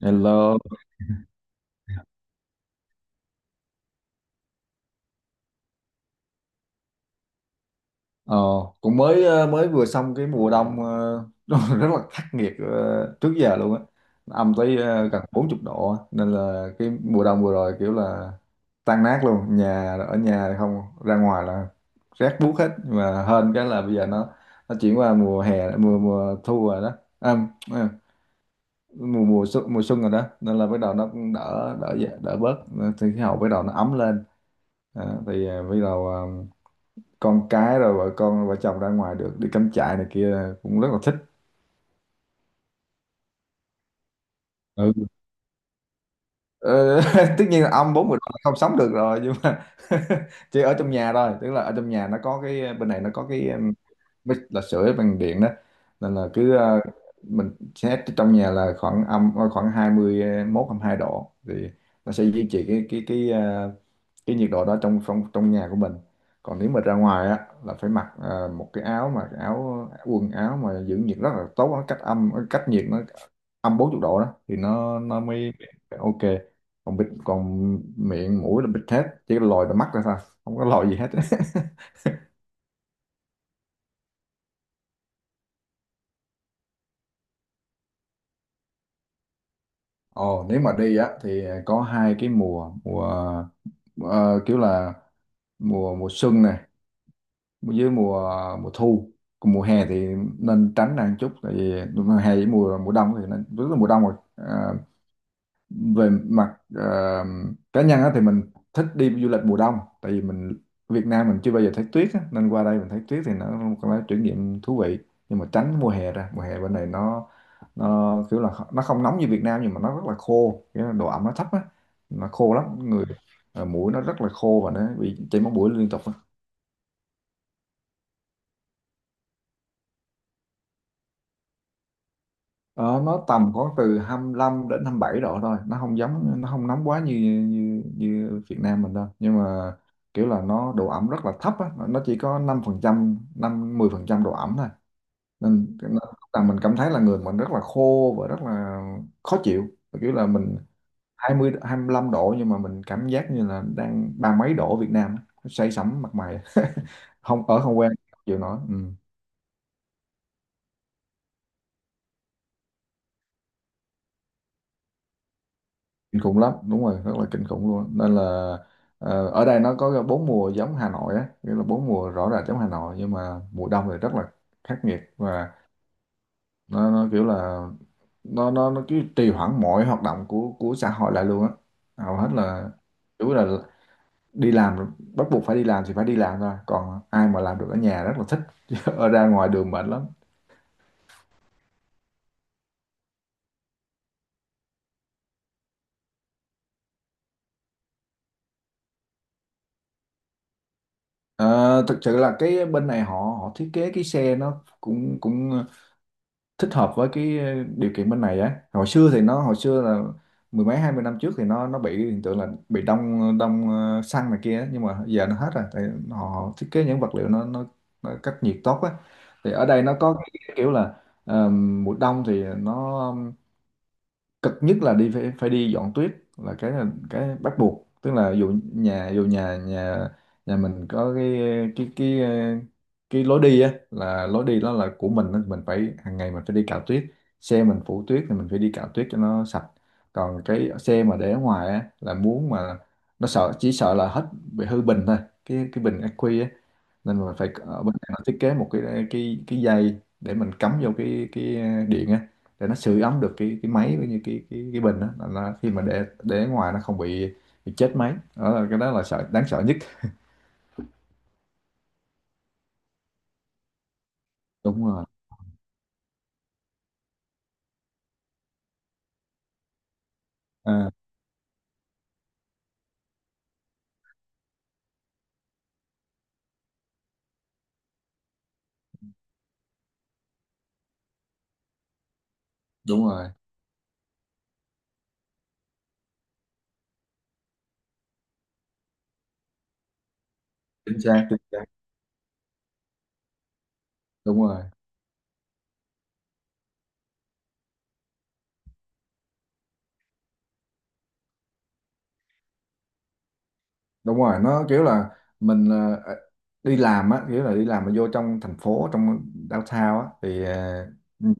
Hello. ờ, Cũng mới mới vừa xong cái mùa đông nó rất là khắc nghiệt trước giờ luôn á, âm tới gần 40 độ á. Nên là cái mùa đông vừa rồi kiểu là tan nát luôn, ở nhà thì không ra ngoài là rét buốt hết. Nhưng mà hên cái là bây giờ nó chuyển qua mùa hè mùa mùa thu rồi đó, à, à, mùa mùa xuân rồi đó, nên là bắt đầu nó cũng đỡ đỡ dạ- đỡ bớt, thì khí hậu bắt đầu nó ấm lên. Bắt đầu con cái rồi vợ chồng ra ngoài được, đi cắm trại này kia, cũng rất là thích. Ừ. Ờ, Tất nhiên là ông bốn mươi độ không sống được rồi, nhưng mà chỉ ở trong nhà thôi. Tức là ở trong nhà nó có cái, bên này nó có cái bếp là sưởi bằng điện đó. Nên là cứ mình xét trong nhà là khoảng 21 hai mươi hai độ thì nó sẽ duy trì cái nhiệt độ đó trong trong trong nhà của mình. Còn nếu mà ra ngoài á là phải mặc một cái áo, mà cái áo quần áo mà giữ nhiệt rất là tốt, nó cách âm cách nhiệt, nó âm 40 độ đó thì nó mới mới ok. Còn bịt còn miệng mũi là bịt hết, chỉ có lòi là mắt ra thôi, không có lòi gì hết. Ồ, nếu mà đi á thì có hai cái mùa mùa ờ, kiểu là mùa mùa xuân nè, với mùa mùa thu, còn mùa hè thì nên tránh ra một chút. Tại vì mùa hè với mùa mùa đông thì nên, rất là mùa đông rồi. Về mặt cá nhân á, thì mình thích đi du lịch mùa đông. Tại vì mình, Việt Nam mình chưa bao giờ thấy tuyết á, nên qua đây mình thấy tuyết thì nó là một cái trải nghiệm thú vị. Nhưng mà tránh mùa hè ra, mùa hè bên này nó kiểu là nó không nóng như Việt Nam, nhưng mà nó rất là khô, cái độ ẩm nó thấp á, nó khô lắm. Người mũi nó rất là khô và nó bị chảy máu mũi liên tục. Đó, nó tầm khoảng từ 25 đến 27 độ thôi, nó không nóng quá như như như Việt Nam mình đâu. Nhưng mà kiểu là nó độ ẩm rất là thấp á, nó chỉ có 5 phần trăm, 5 10 phần trăm độ ẩm thôi, nên là mình cảm thấy là người mình rất là khô và rất là khó chịu. Và kiểu là mình 20 25 độ, nhưng mà mình cảm giác như là đang ba mấy độ Việt Nam á, say sẩm mặt mày. Không ở không quen không chịu nổi. Ừ. Kinh khủng lắm, đúng rồi, rất là kinh khủng luôn. Nên là ở đây nó có bốn mùa giống Hà Nội á, nghĩa là bốn mùa rõ ràng giống Hà Nội, nhưng mà mùa đông thì rất là khắc nghiệt. Và nó kiểu là nó cứ trì hoãn mọi hoạt động của xã hội lại luôn á. Hầu hết là chủ là đi làm, bắt buộc phải đi làm thì phải đi làm thôi, còn ai mà làm được ở nhà rất là thích. Chứ ở ra ngoài đường mệt lắm. Ờ, thực sự là cái bên này họ, thiết kế cái xe nó cũng cũng thích hợp với cái điều kiện bên này á. Hồi xưa là mười mấy hai mươi năm trước thì nó bị hiện tượng là bị đông đông ờ, xăng này kia á. Nhưng mà giờ nó hết rồi, tại họ họ thiết kế những vật liệu nó cách nhiệt tốt á. Thì ở đây nó có cái kiểu là mùa đông thì nó cực nhất là đi, phải phải đi dọn tuyết, là cái bắt buộc. Tức là dù nhà nhà nhà mình có cái cái cái ờ, cái lối đi á, là lối đi đó là của mình á, mình phải hàng ngày mình phải đi cạo tuyết. Xe mình phủ tuyết thì mình phải đi cạo tuyết cho nó sạch. Còn cái xe mà để ở ngoài á là muốn mà nó sợ chỉ sợ là hết, bị hư bình thôi, cái bình ắc quy á. Nên là phải, ở bên này nó thiết kế một cái cái dây để mình cắm vô cái điện á, để nó sưởi ấm được cái máy với như cái bình đó, là nó khi mà để ngoài nó không bị bị chết máy. Đó là cái, đó là sợ đáng sợ nhất. Đúng rồi. à, đúng rồi. Chính xác, chính xác. Đúng rồi, đúng rồi. Nó kiểu là mình ờ, đi làm á, kiểu là đi làm mà vô trong thành phố, trong downtown á, thì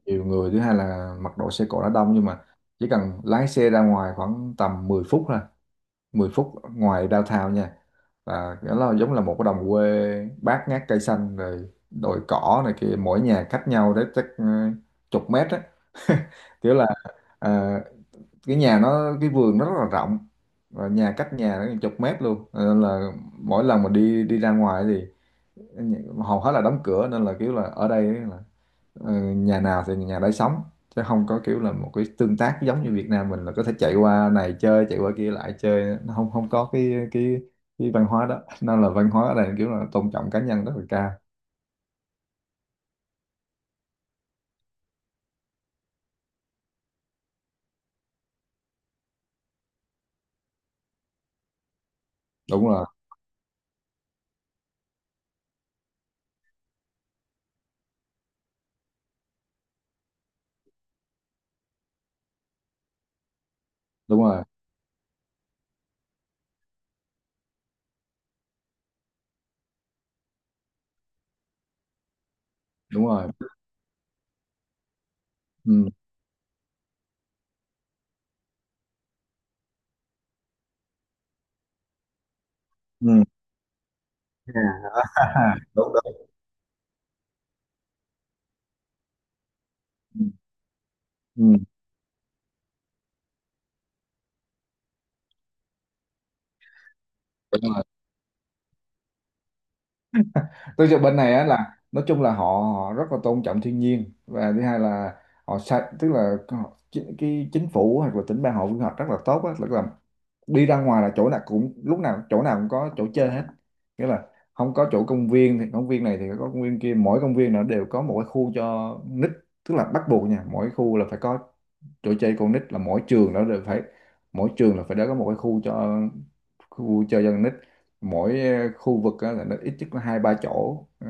nhiều người, thứ hai là mặc đồ, xe cộ đã đông. Nhưng mà chỉ cần lái xe ra ngoài khoảng tầm 10 phút thôi, 10 phút ngoài downtown nha, và nó là giống là một cái đồng quê bát ngát, cây xanh rồi đồi cỏ này kia, mỗi nhà cách nhau đấy chắc chục mét á. Kiểu là ờ, cái nhà nó, cái vườn nó rất là rộng, và nhà cách nhà nó chục mét luôn. Cho nên là mỗi lần mà đi đi ra ngoài thì ờ, hầu hết là đóng cửa. Nên là kiểu là ở đây là, ờ, nhà nào thì nhà đấy sống, chứ không có kiểu là một cái tương tác giống như Việt Nam mình là có thể chạy qua này chơi, chạy qua kia lại chơi. Nó không, không có cái văn hóa đó. Nên là văn hóa ở đây kiểu là tôn trọng cá nhân rất là cao. Đúng rồi, đúng rồi. Đúng rồi. Ừ. Ừ. À, đúng đúng. Ừ. Ừ. Đúng rồi. Tôi cho bên này á là nói chung là họ họ rất là tôn trọng thiên nhiên, và thứ hai là họ sạch. Tức là cái chính phủ hoặc là tỉnh bang họ quy hoạch rất là tốt á. Tức là đi ra ngoài là chỗ nào cũng, lúc nào chỗ nào cũng có chỗ chơi hết. Nghĩa là không có chỗ công viên thì công viên này, thì có công viên kia. Mỗi công viên nó đều có một cái khu cho nít. Tức là bắt buộc nha, mỗi khu là phải có chỗ chơi con nít. Là mỗi trường là phải đã có một cái khu chơi dân nít. Mỗi khu vực á là nó ít nhất là hai ba chỗ. Ừ,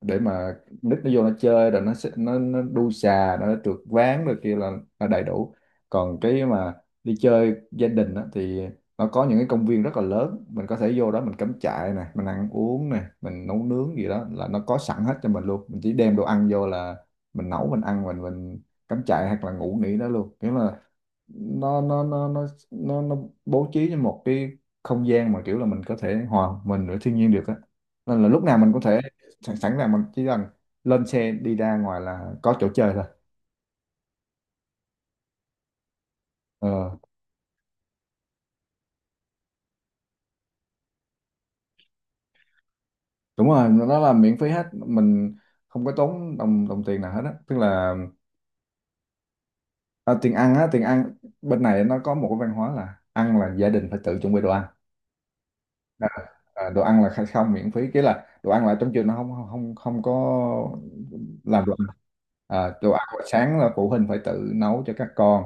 để mà nít nó vô nó chơi, rồi nó đu xà, nó trượt ván rồi kia, là đầy đủ. Còn cái mà đi chơi gia đình á, thì nó có những cái công viên rất là lớn, mình có thể vô đó mình cắm trại này, mình ăn uống này, mình nấu nướng gì đó là nó có sẵn hết cho mình luôn. Mình chỉ đem đồ ăn vô là mình nấu, mình ăn, mình cắm trại hoặc là ngủ nghỉ đó luôn. Thế là nó bố trí cho một cái không gian mà kiểu là mình có thể hòa mình với thiên nhiên được á. Nên là lúc nào mình có thể sẵn sẵn sàng, mình chỉ cần lên xe đi ra ngoài là có chỗ chơi thôi. Ờ, đúng rồi, nó là miễn phí hết. Mình không có tốn đồng đồng tiền nào hết á. Tức là, à, tiền ăn á, tiền ăn bên này nó có một cái văn hóa là ăn là gia đình phải tự chuẩn bị đồ ăn. À, à, đồ ăn là khai- không miễn phí cái là đồ ăn, là trong trường nó không không không có làm đồ ăn. À, đồ ăn buổi sáng là phụ huynh phải tự nấu cho các con,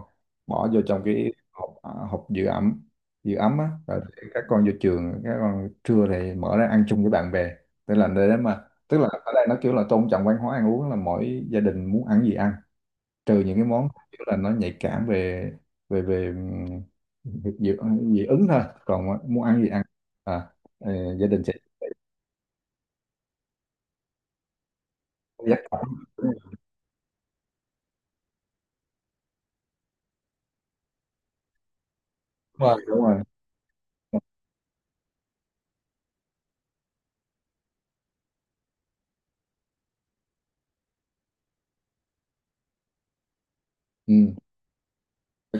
bỏ vô trong cái hộp, à, hộp giữ ẩm giữ ấm á, rồi để các con vô trường, các con trưa thì mở ra ăn chung với bạn bè. tức là để mà Tức là ở đây nó kiểu là tôn trọng văn hóa ăn uống, là mỗi gia đình muốn ăn gì ăn, trừ những cái món kiểu là nó nhạy cảm về về về dị, dị dị ứng thôi, còn muốn ăn gì ăn. à, ờ, Gia đình sẽ dắt. Đúng rồi, đúng rồi. Ừ.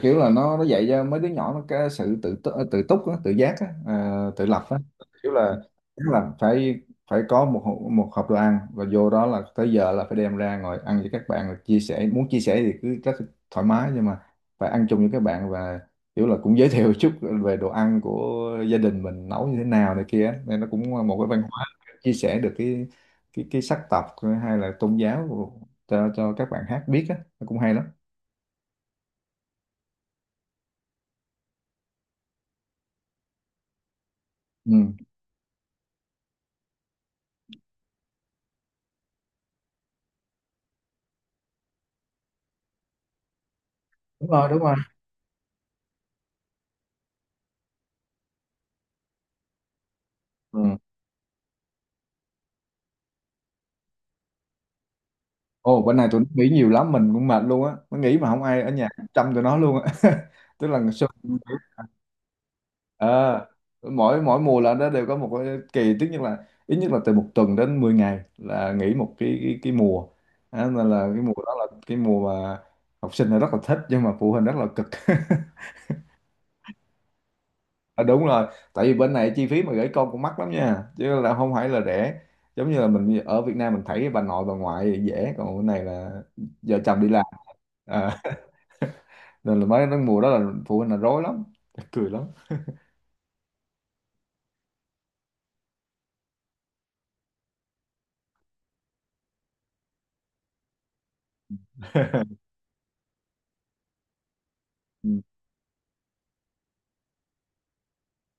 Kiểu là nó dạy cho mấy đứa nhỏ nó cái sự tự túc á, tự giác á, à, tự lập á. Kiểu là tức là phải phải có một hộp đồ ăn, và vô đó là tới giờ là phải đem ra ngồi ăn với các bạn. Là chia sẻ, muốn chia sẻ thì cứ rất thoải mái, nhưng mà phải ăn chung với các bạn. Và kiểu là cũng giới thiệu chút về đồ ăn của gia đình mình nấu như thế nào này kia á. Nên nó cũng một cái văn hóa chia sẻ được cái sắc tộc hay là tôn giáo cho các bạn khác biết á, nó cũng hay lắm. Ừ. Đúng rồi, đúng rồi. Ừ. Ồ, bữa nay tụi nó nghỉ nhiều lắm, mình cũng mệt luôn á. Nó nghỉ mà không ai ở nhà chăm tụi nó luôn á. Tức là ngày xưa, ờ, mỗi mỗi mùa là nó đều có một cái kỳ, tức nhất là ít nhất là từ một tuần đến 10 ngày là nghỉ một cái mùa. Đó, nên là cái mùa đó là cái mùa mà học sinh là rất là thích, nhưng mà phụ huynh rất là cực. À, đúng rồi. Tại vì bên này chi phí mà gửi con cũng mắc lắm nha, chứ là không phải là rẻ. Giống như là mình ở Việt Nam mình thấy bà nội bà ngoại dễ, còn bên này là vợ chồng đi làm. Ờ. Nên là mấy cái mùa đó là phụ huynh là rối lắm. Chắc cười lắm. Ừ.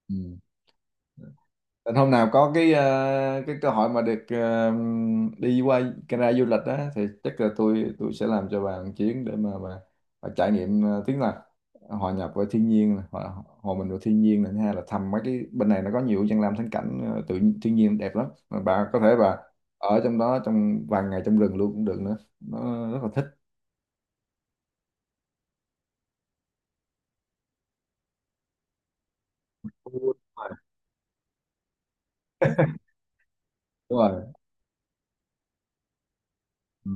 Ừ. Nên hôm nào có cái cái cơ hội mà được đi qua Canada du lịch á, thì chắc là tôi sẽ làm cho bà một chuyến, để mà bà trải nghiệm tiếng là hòa nhập với thiên nhiên này, hòa mình với thiên nhiên này, thứ hai là thăm mấy cái, bên này nó có nhiều danh lam thắng cảnh tự thiên nhiên đẹp lắm, mà bà có thể bà ở trong đó trong vài ngày, trong rừng luôn cũng được nữa, nó rất là thích. Đúng rồi. Đúng rồi. Ừ.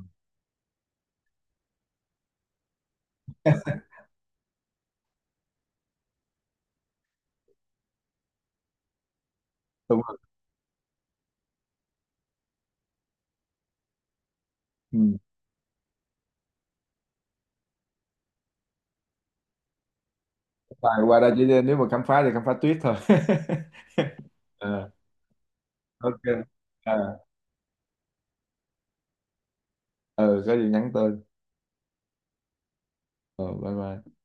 Đúng rồi. Ừ. Và qua đây chỉ nếu mà khám phá thì khám phá tuyết thôi. Ờ, ok. à, ừ, có gì nhắn tôi. Ờ, bye bye.